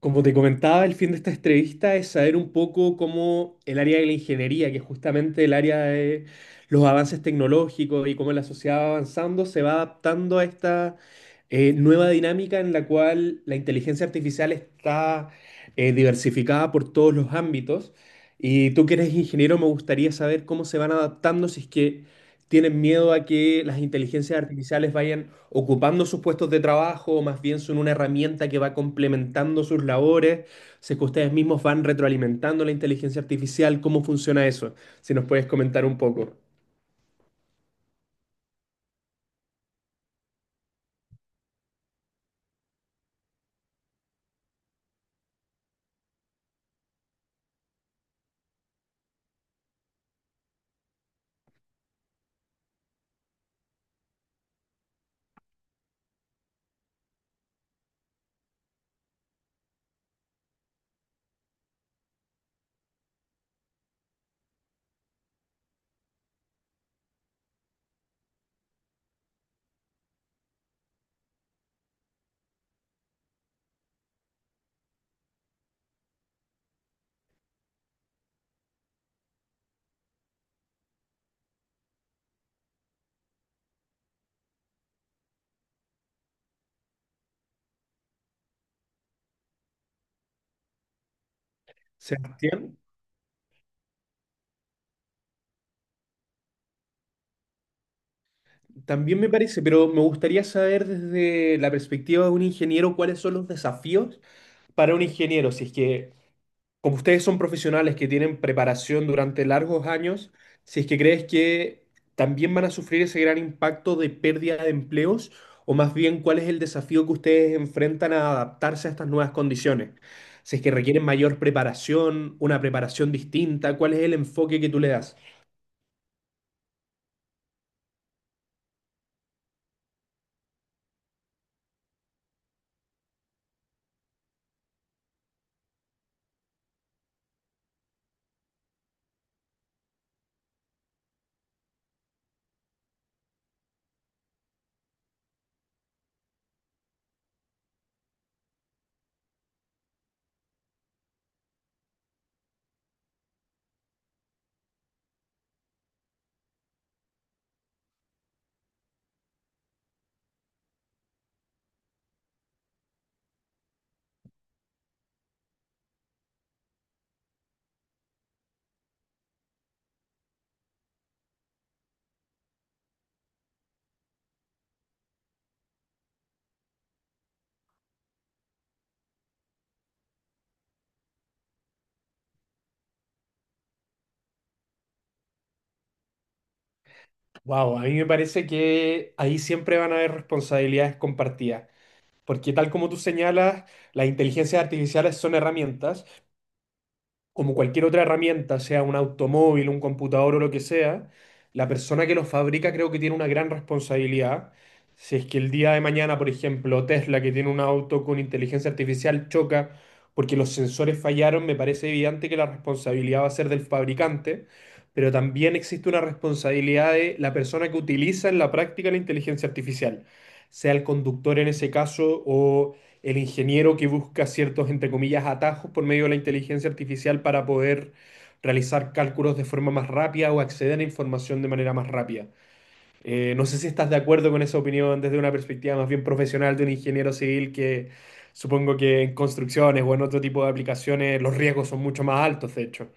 Como te comentaba, el fin de esta entrevista es saber un poco cómo el área de la ingeniería, que es justamente el área de los avances tecnológicos y cómo la sociedad va avanzando, se va adaptando a esta nueva dinámica en la cual la inteligencia artificial está diversificada por todos los ámbitos. Y tú que eres ingeniero, me gustaría saber cómo se van adaptando, si es que tienen miedo a que las inteligencias artificiales vayan ocupando sus puestos de trabajo, o más bien son una herramienta que va complementando sus labores. Sé que ustedes mismos van retroalimentando la inteligencia artificial, ¿cómo funciona eso? Si nos puedes comentar un poco. Sebastián, también me parece, pero me gustaría saber desde la perspectiva de un ingeniero cuáles son los desafíos para un ingeniero, si es que como ustedes son profesionales que tienen preparación durante largos años, si es que crees que también van a sufrir ese gran impacto de pérdida de empleos, o más bien cuál es el desafío que ustedes enfrentan a adaptarse a estas nuevas condiciones. Si es que requieren mayor preparación, una preparación distinta, ¿cuál es el enfoque que tú le das? Wow, a mí me parece que ahí siempre van a haber responsabilidades compartidas, porque tal como tú señalas, las inteligencias artificiales son herramientas como cualquier otra herramienta, sea un automóvil, un computador o lo que sea, la persona que lo fabrica creo que tiene una gran responsabilidad. Si es que el día de mañana, por ejemplo, Tesla, que tiene un auto con inteligencia artificial, choca porque los sensores fallaron, me parece evidente que la responsabilidad va a ser del fabricante, pero también existe una responsabilidad de la persona que utiliza en la práctica la inteligencia artificial, sea el conductor en ese caso o el ingeniero que busca ciertos, entre comillas, atajos por medio de la inteligencia artificial para poder realizar cálculos de forma más rápida o acceder a información de manera más rápida. No sé si estás de acuerdo con esa opinión desde una perspectiva más bien profesional de un ingeniero civil, que supongo que en construcciones o en otro tipo de aplicaciones los riesgos son mucho más altos, de hecho.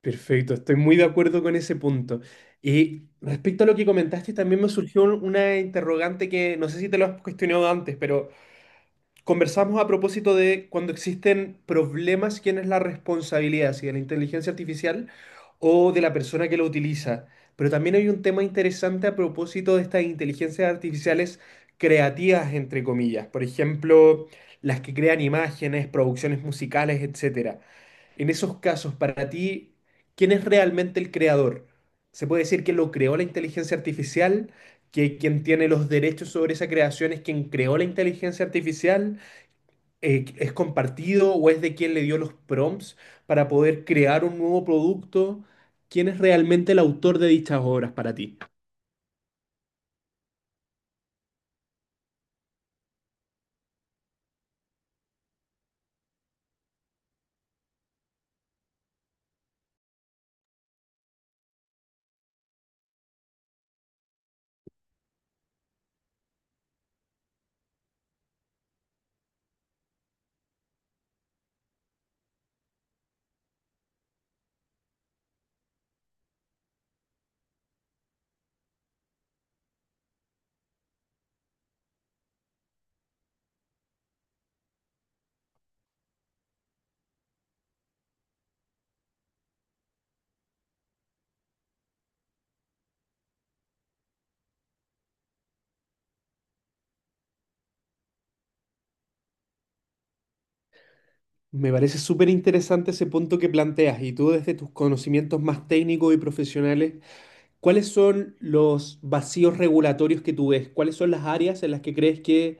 Perfecto, estoy muy de acuerdo con ese punto. Y respecto a lo que comentaste, también me surgió una interrogante que no sé si te lo has cuestionado antes, pero conversamos a propósito de cuando existen problemas, ¿quién es la responsabilidad? Si de la inteligencia artificial o de la persona que lo utiliza. Pero también hay un tema interesante a propósito de estas inteligencias artificiales creativas, entre comillas. Por ejemplo, las que crean imágenes, producciones musicales, etcétera. En esos casos, para ti, ¿quién es realmente el creador? ¿Se puede decir que lo creó la inteligencia artificial? ¿Que quien tiene los derechos sobre esa creación es quien creó la inteligencia artificial? Es compartido o es de quien le dio los prompts para poder crear un nuevo producto? ¿Quién es realmente el autor de dichas obras para ti? Me parece súper interesante ese punto que planteas y, tú desde tus conocimientos más técnicos y profesionales, ¿cuáles son los vacíos regulatorios que tú ves? ¿Cuáles son las áreas en las que crees que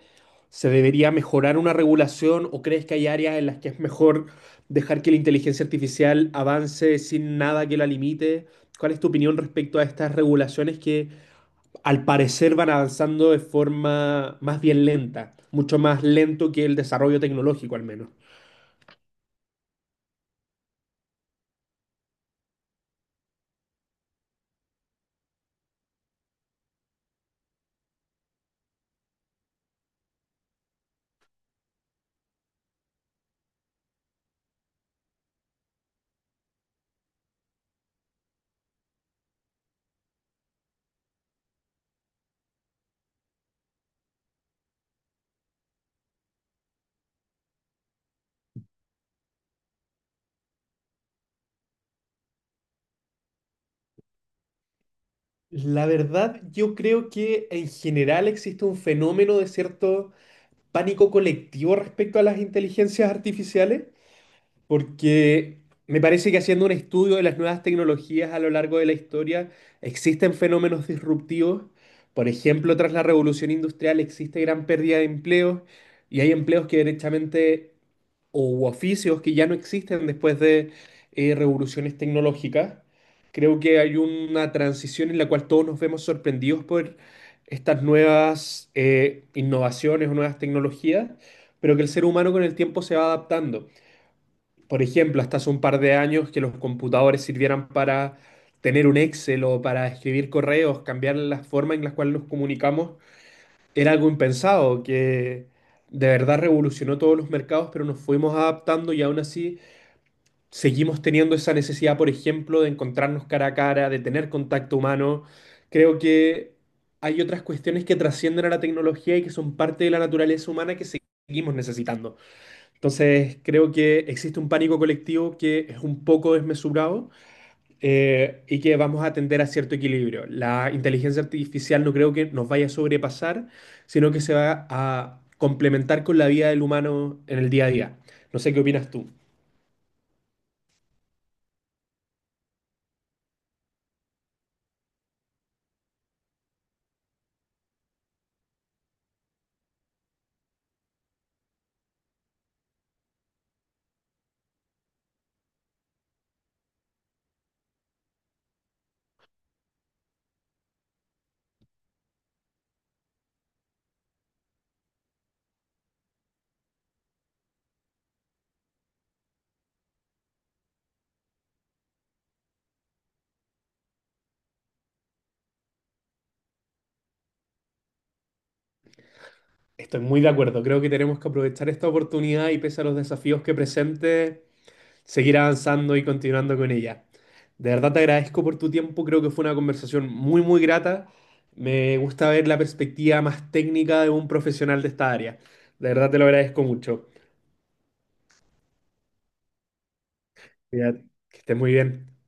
se debería mejorar una regulación o crees que hay áreas en las que es mejor dejar que la inteligencia artificial avance sin nada que la limite? ¿Cuál es tu opinión respecto a estas regulaciones que al parecer van avanzando de forma más bien lenta, mucho más lento que el desarrollo tecnológico al menos? La verdad, yo creo que en general existe un fenómeno de cierto pánico colectivo respecto a las inteligencias artificiales. Porque me parece que haciendo un estudio de las nuevas tecnologías a lo largo de la historia, existen fenómenos disruptivos. Por ejemplo, tras la revolución industrial existe gran pérdida de empleos y hay empleos que derechamente, o u oficios que ya no existen después de revoluciones tecnológicas. Creo que hay una transición en la cual todos nos vemos sorprendidos por estas nuevas innovaciones o nuevas tecnologías, pero que el ser humano con el tiempo se va adaptando. Por ejemplo, hasta hace un par de años que los computadores sirvieran para tener un Excel o para escribir correos, cambiar la forma en la cual nos comunicamos, era algo impensado, que de verdad revolucionó todos los mercados, pero nos fuimos adaptando y aún así seguimos teniendo esa necesidad, por ejemplo, de encontrarnos cara a cara, de tener contacto humano. Creo que hay otras cuestiones que trascienden a la tecnología y que son parte de la naturaleza humana que seguimos necesitando. Entonces, creo que existe un pánico colectivo que es un poco desmesurado, y que vamos a tender a cierto equilibrio. La inteligencia artificial no creo que nos vaya a sobrepasar, sino que se va a complementar con la vida del humano en el día a día. No sé qué opinas tú. Estoy muy de acuerdo. Creo que tenemos que aprovechar esta oportunidad y, pese a los desafíos que presente, seguir avanzando y continuando con ella. De verdad te agradezco por tu tiempo, creo que fue una conversación muy, muy grata. Me gusta ver la perspectiva más técnica de un profesional de esta área. De verdad te lo agradezco mucho. Cuídate, que estés muy bien.